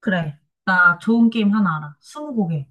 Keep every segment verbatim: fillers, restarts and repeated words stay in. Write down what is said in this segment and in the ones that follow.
그래. 나 좋은 게임 하나 알아. 스무고개.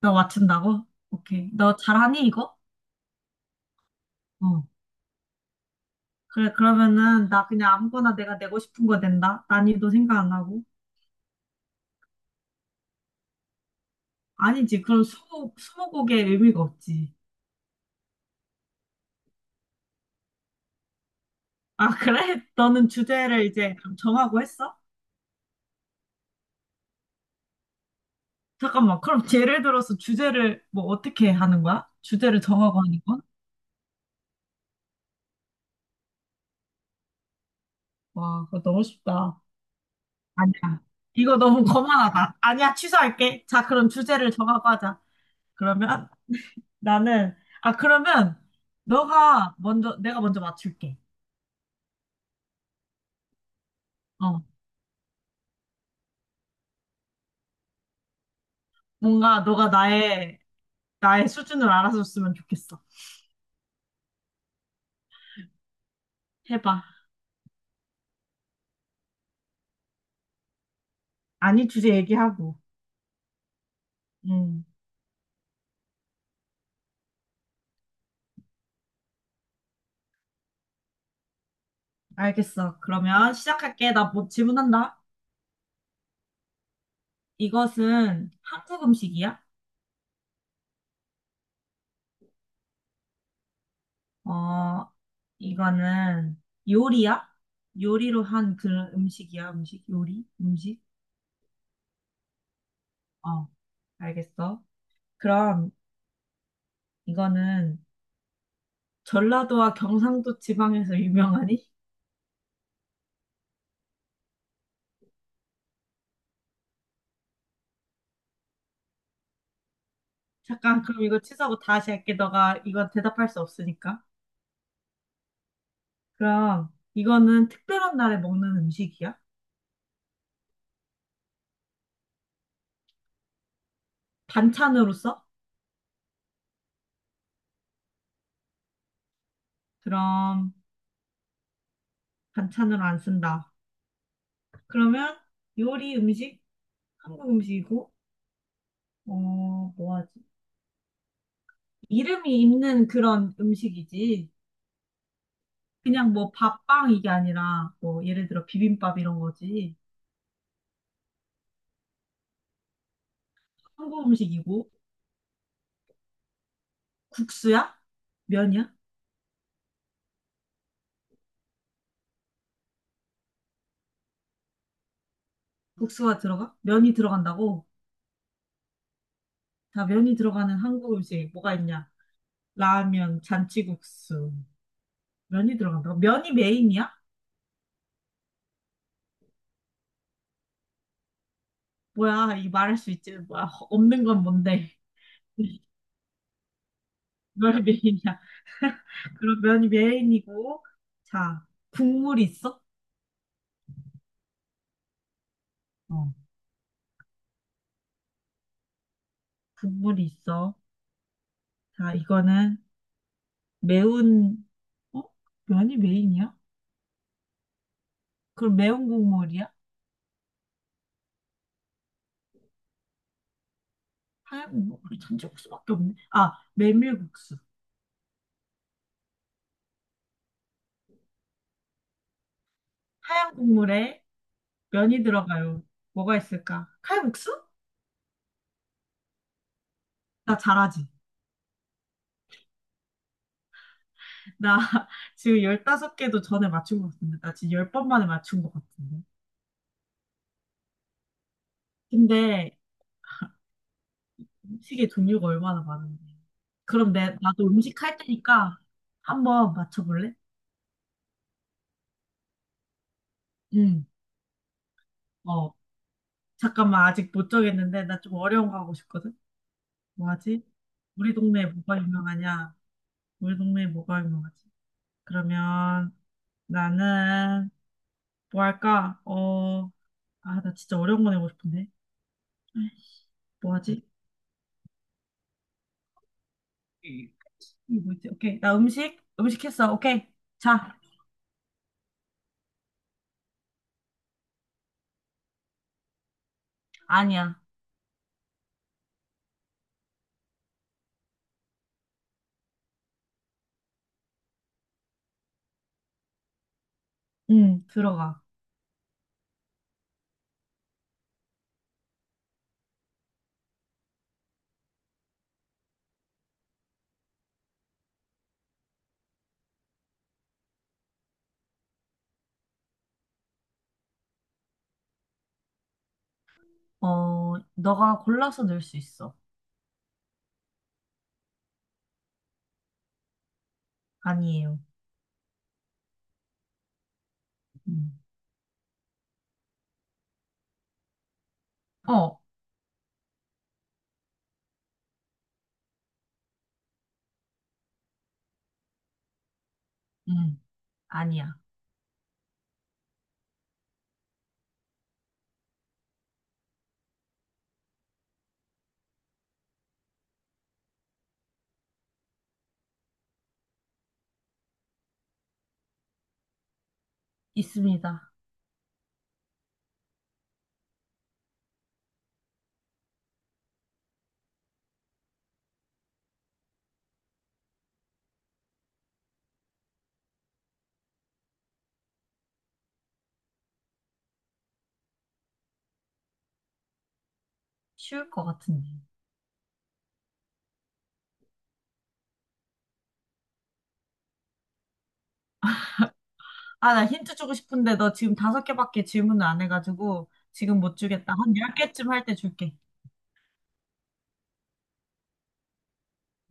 너 맞춘다고? 오케이. 너 잘하니, 이거? 어. 그래, 그러면은, 나 그냥 아무거나 내가 내고 싶은 거 낸다. 난이도 생각 안 하고. 아니지. 그럼 스무, 스무고개의 의미가 없지. 아, 그래? 너는 주제를 이제 그럼 정하고 했어? 잠깐만. 그럼 예를 들어서 주제를 뭐 어떻게 하는 거야? 주제를 정하고 하는 건? 와, 그거 너무 쉽다. 아니야. 이거 너무 거만하다. 아니야, 취소할게. 자, 그럼 주제를 정하고 하자. 그러면 나는, 아, 그러면, 너가 먼저, 내가 먼저 맞출게. 어. 뭔가, 너가 나의, 나의 수준을 알아줬으면 좋겠어. 해봐. 아니, 주제 얘기하고. 음, 알겠어. 그러면 시작할게. 나 뭐 질문한다. 이것은 한국 음식이야? 어, 이거는 요리야? 요리로 한 그런 음식이야? 음식? 요리? 음식? 어, 알겠어. 그럼, 이거는 전라도와 경상도 지방에서 유명하니? 잠깐, 그럼 이거 취소하고 다시 할게. 너가 이건 대답할 수 없으니까. 그럼 이거는 특별한 날에 먹는 음식이야? 반찬으로 써? 그럼 반찬으로 안 쓴다. 그러면 요리 음식? 한국 음식이고, 어, 뭐 하지? 이름이 있는 그런 음식이지. 그냥 뭐 밥빵 이게 아니라 뭐 예를 들어 비빔밥 이런 거지. 한국 음식이고, 국수야? 면이야? 국수가 들어가? 면이 들어간다고? 자, 면이 들어가는 한국 음식 뭐가 있냐? 라면, 잔치국수. 면이 들어간다고? 면이 메인이야? 뭐야, 이 말할 수 있지. 뭐야, 허- 없는 건 뭔데? 뭘 메인이야? 그럼 면이 메인이고, 자, 국물이 있어? 어, 국물이 있어. 자, 이거는 매운, 어? 면이 메인이야? 그럼 매운 국물이야? 하얀 국물? 우리 잔치국수밖에 없네. 아, 메밀국수. 하얀 국물에 면이 들어가요. 뭐가 있을까? 칼국수? 나 잘하지. 나 지금 열다섯 개도 전에 맞춘 것 같은데. 나 지금 열 번 만에 맞춘 것 같은데. 근데 음식의 종류가 얼마나 많은데. 그럼 내, 나도 음식 할 테니까 한번 맞춰볼래? 응. 어. 잠깐만, 아직 못 정했는데. 나 좀 어려운 거 하고 싶거든? 뭐 하지? 우리 동네에 뭐가 유명하냐? 우리 동네에 뭐가 유명하지? 그러면 나는 뭐 할까? 어. 아, 나 진짜 어려운 거 내고 싶은데. 에이, 뭐 하지? 이 뭐지? 오케이. 나 음식, 음식 했어. 오케이. 자, 아니야. 음, 들어가. 어, 너가 골라서 넣을 수 있어. 아니에요. 음. 어, 음. 아니야. 있습니다. 쉬울 것 같은데. 아, 나 힌트 주고 싶은데 너 지금 다섯 개밖에 질문을 안 해가지고 지금 못 주겠다. 한 열 개쯤 할 때 줄게.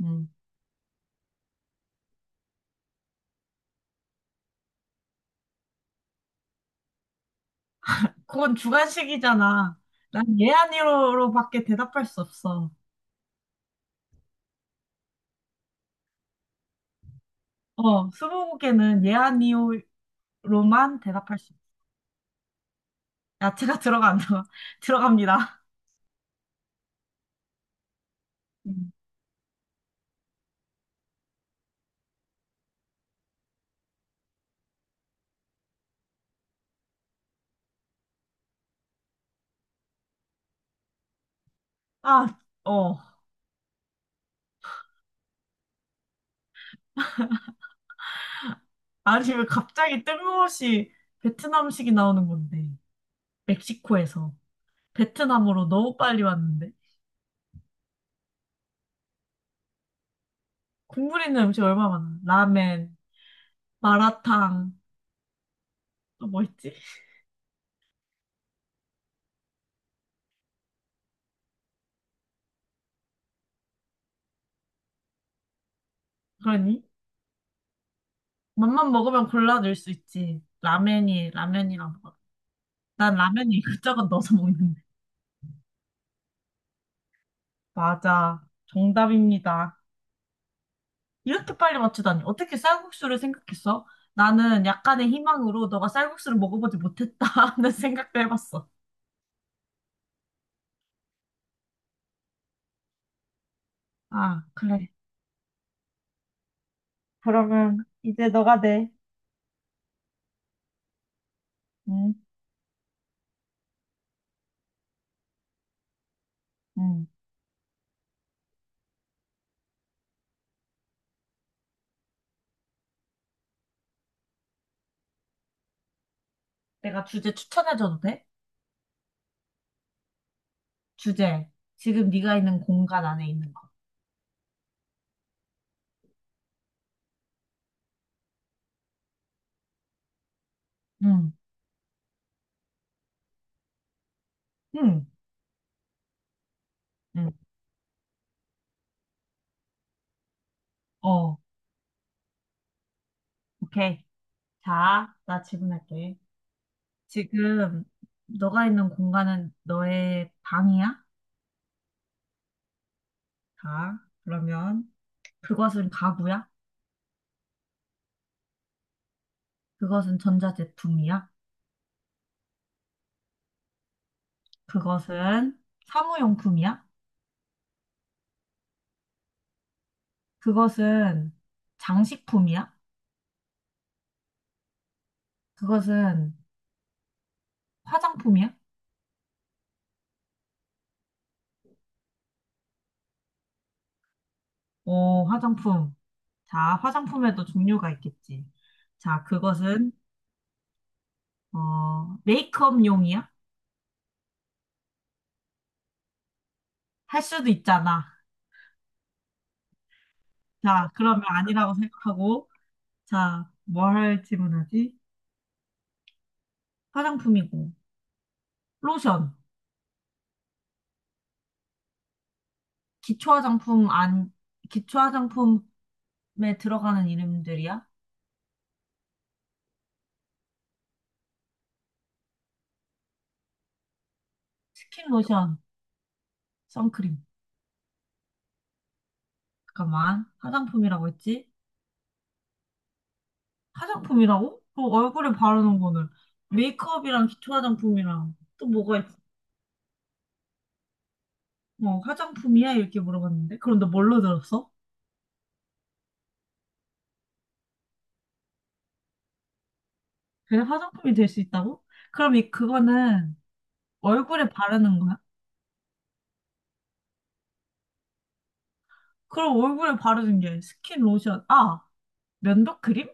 음. 그건 주관식이잖아. 난 예, 아니로밖에 대답할 수 없어. 어, 스무고개는 예, 아니오로만 대답할 수 있어. 야채가 들어간다. 들어갑니다. 음. 아, 어. 아니, 왜 갑자기 뜬금없이 베트남식이 나오는 건데. 멕시코에서. 베트남으로 너무 빨리 왔는데. 국물 있는 음식 얼마나 많아. 라멘, 마라탕, 또 뭐 있지? 그러니? 맛만 먹으면 골라 넣을 수 있지. 라멘이, 라면이랑 먹어. 난 라면이 이것저것 넣어서 먹는데. 맞아. 정답입니다. 이렇게 빨리 맞추다니. 어떻게 쌀국수를 생각했어? 나는 약간의 희망으로 너가 쌀국수를 먹어보지 못했다 하는 생각도 해봤어. 아, 그래. 그러면 이제 너가 내, 응, 응. 내가 주제 추천해줘도 돼? 주제. 지금 네가 있는 공간 안에 있는 거. 응, 응, 응. 어, 오케이. 자, 나 질문할게. 지금 너가 있는 공간은 너의 방이야? 자, 그러면 그것은 가구야? 그것은 전자제품이야? 그것은 사무용품이야? 그것은 장식품이야? 그것은 화장품이야? 오, 화장품. 자, 화장품에도 종류가 있겠지. 자, 그것은, 어, 메이크업용이야? 할 수도 있잖아. 자, 그러면 아니라고 생각하고, 자, 뭐 할 질문하지? 화장품이고, 로션, 기초 화장품 안, 기초 화장품에 들어가는 이름들이야? 스킨 로션, 선크림. 잠깐만. 화장품이라고 했지? 화장품이라고? 그 얼굴에 바르는 거는 메이크업이랑 기초 화장품이랑 또 뭐가 있... 어, 화장품이야? 이렇게 물어봤는데. 그런데 뭘로 들었어? 그래, 화장품이 될 수 있다고? 그럼 이 그거는 얼굴에 바르는 거야? 그럼 얼굴에 바르는 게 스킨 로션. 아, 면도 크림?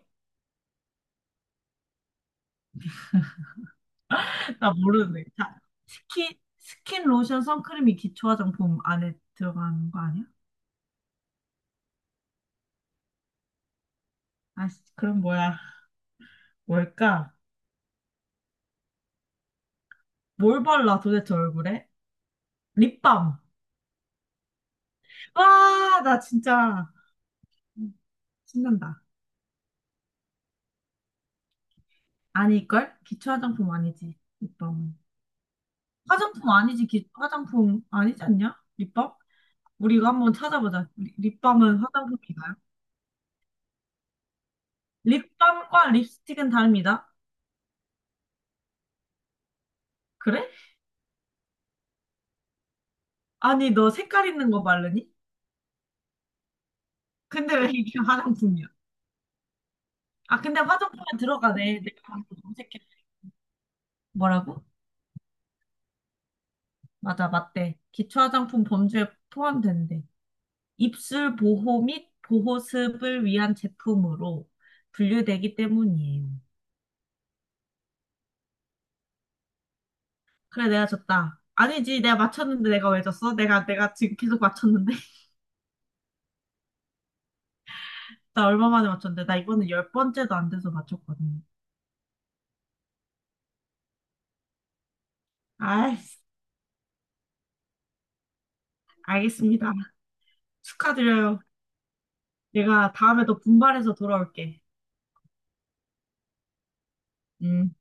나 모르는데. 자, 스킨 스킨 로션 선크림이 기초 화장품 안에 들어가는 거 아니야? 아, 그럼 뭐야? 뭘까? 뭘 발라 도대체 얼굴에? 립밤. 와, 나 진짜 신난다. 아닐걸? 기초 화장품 아니지, 립밤은. 화장품 아니지, 기, 화장품 아니지 않냐? 립밤? 우리 이거 한번 찾아보자. 리- 립밤은 화장품인가요? 립밤과 립스틱은 다릅니다. 그래? 아니, 너 색깔 있는 거 바르니? 근데 왜 이게 화장품이야? 아, 근데 화장품에 들어가네. 내가 방금 검색해. 뭐라고? 맞아, 맞대. 기초 화장품 범주에 포함된대. 입술 보호 및 보호습을 위한 제품으로 분류되기 때문이에요. 그래, 내가 졌다. 아니지, 내가 맞췄는데 내가 왜 졌어? 내가, 내가 지금 계속 맞췄는데? 나 얼마 만에 맞췄는데? 나 이번에 열 번째도 안 돼서 맞췄거든. 아이, 알겠습니다. 축하드려요. 내가 다음에 더 분발해서 돌아올게. 음.